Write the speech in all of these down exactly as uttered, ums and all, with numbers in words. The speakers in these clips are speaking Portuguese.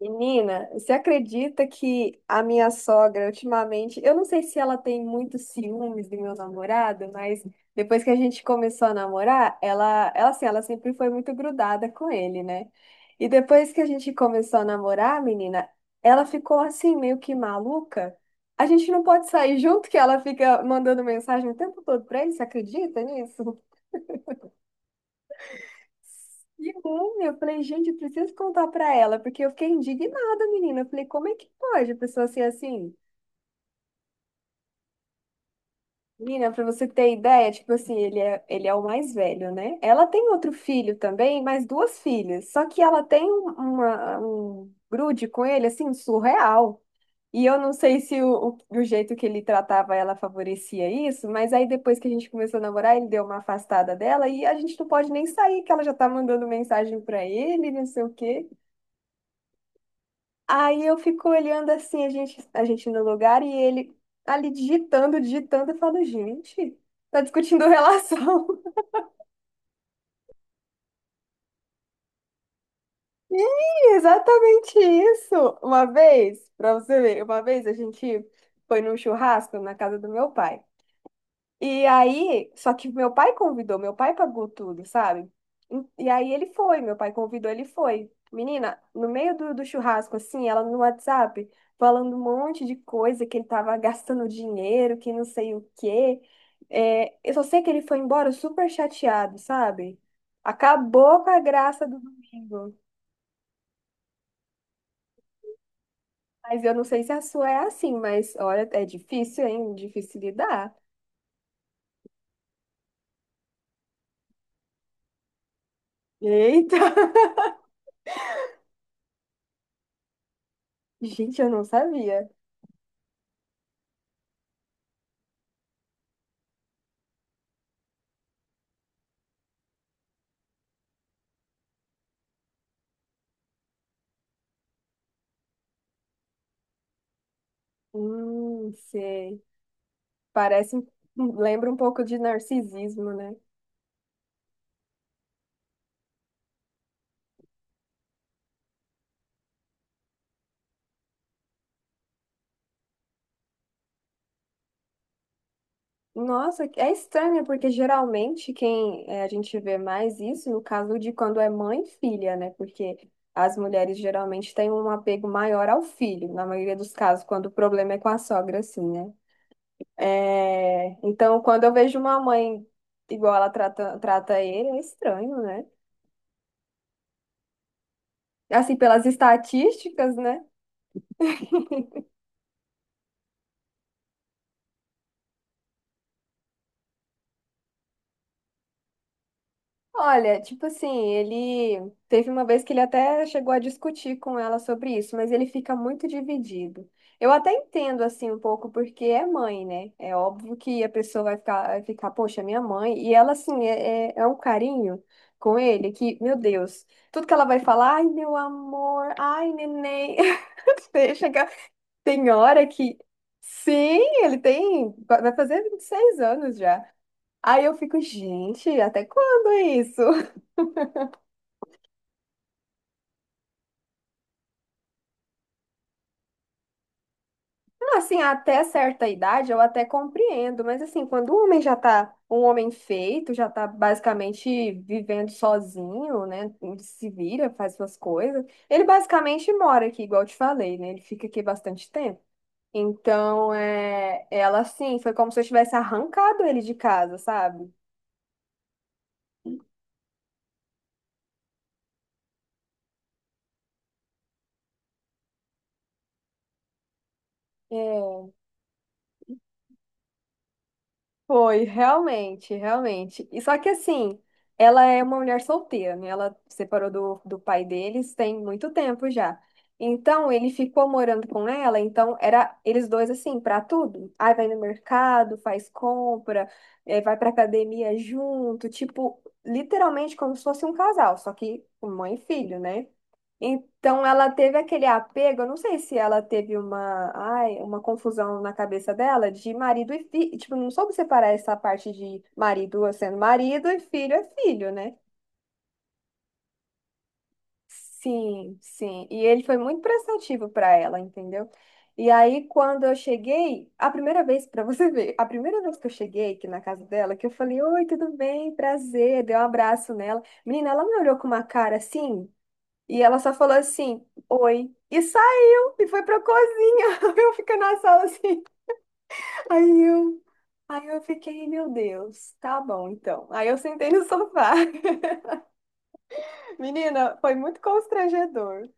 Menina, você acredita que a minha sogra ultimamente, eu não sei se ela tem muitos ciúmes do meu namorado, mas depois que a gente começou a namorar, ela, ela assim, ela sempre foi muito grudada com ele, né? E depois que a gente começou a namorar, menina, ela ficou assim meio que maluca. A gente não pode sair junto que ela fica mandando mensagem o tempo todo pra ele, você acredita nisso? E bom, eu falei, gente, eu preciso contar pra ela, porque eu fiquei indignada, menina. Eu falei, como é que pode a pessoa ser assim? Menina, pra você ter ideia, tipo assim, ele é, ele é o mais velho, né? Ela tem outro filho também, mais duas filhas. Só que ela tem um- uma, um grude com ele, assim, surreal. E eu não sei se o, o, o jeito que ele tratava ela favorecia isso, mas aí depois que a gente começou a namorar, ele deu uma afastada dela e a gente não pode nem sair, que ela já tá mandando mensagem pra ele, não sei o quê. Aí eu fico olhando assim, a gente, a gente no lugar e ele ali digitando, digitando, eu falo, gente, tá discutindo relação. Ih, exatamente isso. Uma vez, pra você ver, uma vez a gente foi num churrasco na casa do meu pai. E aí, só que meu pai convidou, meu pai pagou tudo, sabe? E e aí ele foi, meu pai convidou, ele foi. Menina, no meio do, do churrasco, assim, ela no WhatsApp, falando um monte de coisa, que ele tava gastando dinheiro, que não sei o quê. É, eu só sei que ele foi embora super chateado, sabe? Acabou com a graça do domingo. Mas eu não sei se a sua é assim, mas olha, é difícil, hein? Difícil lidar. Eita! Gente, eu não sabia. Hum, sei. Parece, um, um, lembra um pouco de narcisismo, né? Nossa, é estranho, porque geralmente quem eh, a gente vê mais isso no caso de quando é mãe e filha, né? Porque as mulheres geralmente têm um apego maior ao filho, na maioria dos casos, quando o problema é com a sogra, assim, né? É, então, quando eu vejo uma mãe igual ela trata, trata ele, é estranho, né? Assim, pelas estatísticas, né? Olha, tipo assim, ele teve uma vez que ele até chegou a discutir com ela sobre isso, mas ele fica muito dividido. Eu até entendo assim um pouco porque é mãe, né? É óbvio que a pessoa vai ficar, vai ficar, poxa, minha mãe. E ela assim é, é, é um carinho com ele que, meu Deus, tudo que ela vai falar, ai meu amor, ai neném, deixa que... Tem hora que sim, ele tem, vai fazer vinte e seis anos já. Aí eu fico, gente, até quando é isso? Assim, até certa idade eu até compreendo, mas assim, quando o homem já tá um homem feito, já tá basicamente vivendo sozinho, né? Se vira, faz suas coisas. Ele basicamente mora aqui, igual eu te falei, né? Ele fica aqui bastante tempo. Então, é, ela assim, foi como se eu tivesse arrancado ele de casa, sabe? É. Foi, realmente, realmente. E só que assim, ela é uma mulher solteira, né? Ela separou do, do pai deles tem muito tempo já. Então, ele ficou morando com ela, então era eles dois assim, pra tudo. Aí vai no mercado, faz compra, eh, vai pra academia junto, tipo, literalmente como se fosse um casal, só que mãe e filho, né? Então ela teve aquele apego, eu não sei se ela teve uma, ai, uma confusão na cabeça dela de marido e filho, tipo, não soube separar essa parte de marido sendo marido e filho é filho, né? Sim, sim. E ele foi muito prestativo para ela, entendeu? E aí quando eu cheguei, a primeira vez para você ver, a primeira vez que eu cheguei aqui na casa dela, que eu falei: "Oi, tudo bem? Prazer". Dei um abraço nela. Menina, ela me olhou com uma cara assim. E ela só falou assim, oi. E saiu e foi pra cozinha. Eu fico na sala assim. Aí eu, aí eu fiquei, meu Deus, tá bom então. Aí eu sentei no sofá. Menina, foi muito constrangedor.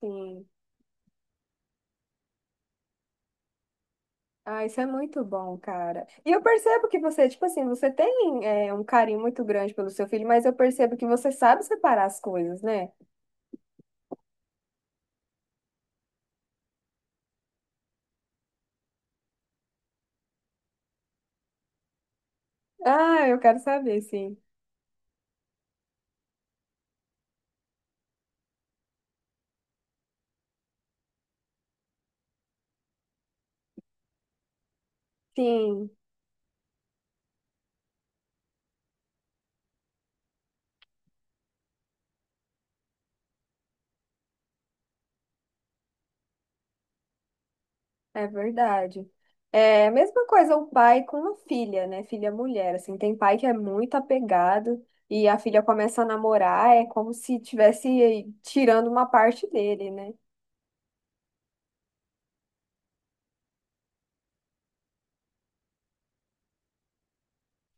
Sim. Ah, isso é muito bom, cara. E eu percebo que você, tipo assim, você tem é, um carinho muito grande pelo seu filho, mas eu percebo que você sabe separar as coisas, né? Ah, eu quero saber, sim. Sim. É verdade. É a mesma coisa o pai com a filha, né? Filha mulher, assim, tem pai que é muito apegado e a filha começa a namorar, é como se tivesse tirando uma parte dele, né?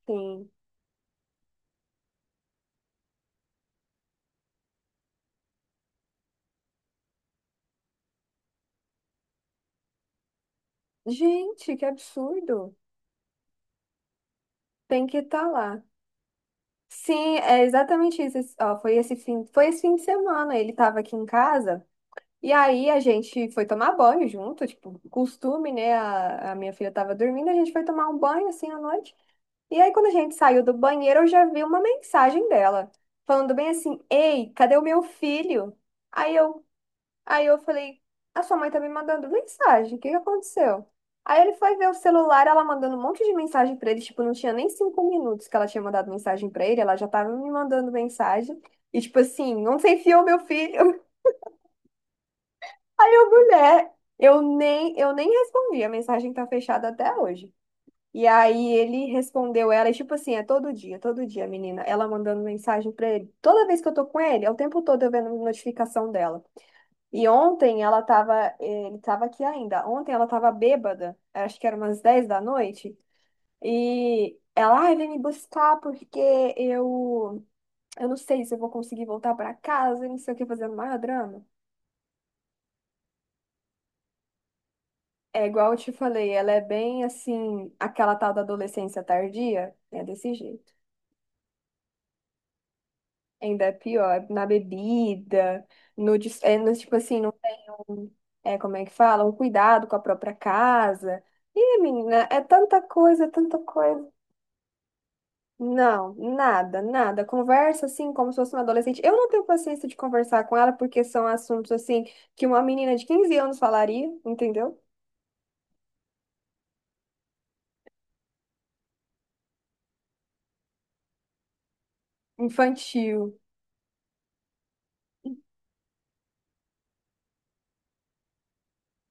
Sim. Gente, que absurdo. Tem que estar lá. Sim, é exatamente isso. Esse- ó, foi esse fim, foi esse fim de semana, ele estava aqui em casa. E aí a gente foi tomar banho junto, tipo, costume, né? A, a minha filha estava dormindo, a gente foi tomar um banho assim à noite. E aí, quando a gente saiu do banheiro, eu já vi uma mensagem dela, falando bem assim: Ei, cadê o meu filho? Aí eu, aí eu falei: A sua mãe tá me mandando mensagem, o que que aconteceu? Aí ele foi ver o celular, ela mandando um monte de mensagem pra ele, tipo, não tinha nem cinco minutos que ela tinha mandado mensagem pra ele, ela já tava me mandando mensagem. E tipo assim, onde você enfiou meu filho? Aí eu, mulher, eu nem, eu nem respondi, a mensagem tá fechada até hoje. E aí ele respondeu ela, e tipo assim, é todo dia, todo dia, a menina, ela mandando mensagem pra ele. Toda vez que eu tô com ele, é o tempo todo eu vendo notificação dela. E ontem ela tava, ele tava aqui ainda. Ontem ela tava bêbada, acho que era umas dez da noite, e ela, ai, vem me buscar porque eu, eu não sei se eu vou conseguir voltar pra casa, e não sei o que, fazendo maior drama. É igual eu te falei, ela é bem assim, aquela tal da adolescência tardia, é desse jeito. Ainda é pior, na bebida, no, des- é, no, tipo assim, não tem, é, como é que fala? Um cuidado com a própria casa. Ih, menina, é tanta coisa, é tanta coisa. Não, nada, nada. Conversa assim como se fosse uma adolescente. Eu não tenho paciência de conversar com ela porque são assuntos assim que uma menina de quinze anos falaria, entendeu? Infantil.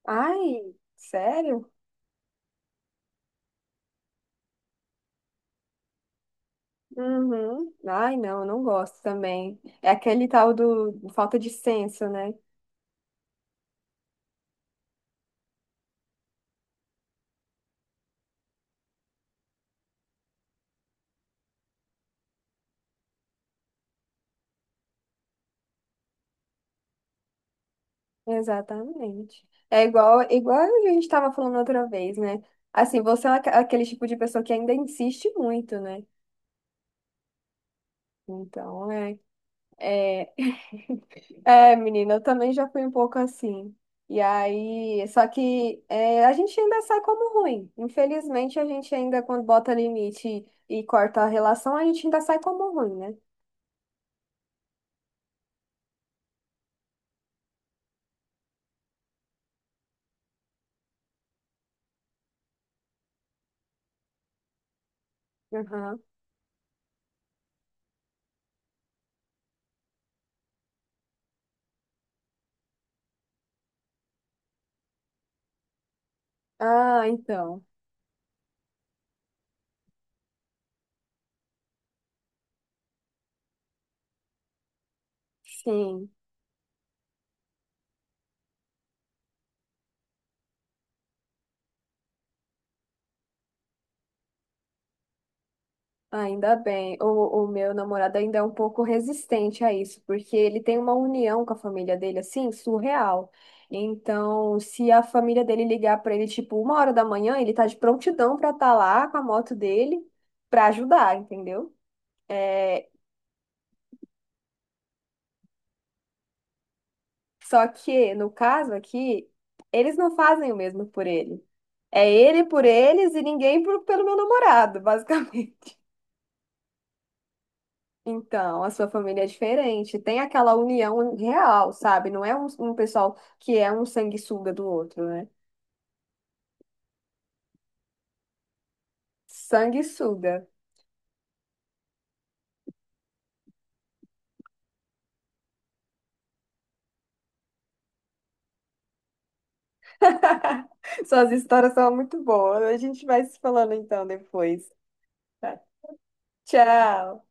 Ai, sério? Uhum. Ai, não, eu não gosto também. É aquele tal do falta de senso, né? Exatamente. É igual, igual a gente estava falando outra vez, né? Assim, você é aque- aquele tipo de pessoa que ainda insiste muito, né? Então, é, é, é, menina, eu também já fui um pouco assim. E aí, só que é, a gente ainda sai como ruim. Infelizmente, a gente ainda, quando bota limite e corta a relação, a gente ainda sai como ruim, né? Aham. Ah, então. Sim. Ainda bem. O, o meu namorado ainda é um pouco resistente a isso, porque ele tem uma união com a família dele, assim, surreal. Então, se a família dele ligar para ele, tipo, uma hora da manhã, ele tá de prontidão para estar lá com a moto dele para ajudar, entendeu? É, só que, no caso aqui, eles não fazem o mesmo por ele. É ele por eles e ninguém por- pelo meu namorado, basicamente. Então, a sua família é diferente. Tem aquela união real, sabe? Não é um, um pessoal que é um sanguessuga do outro, né? Sanguessuga. Suas histórias são muito boas. A gente vai se falando então depois. Tá? Tchau.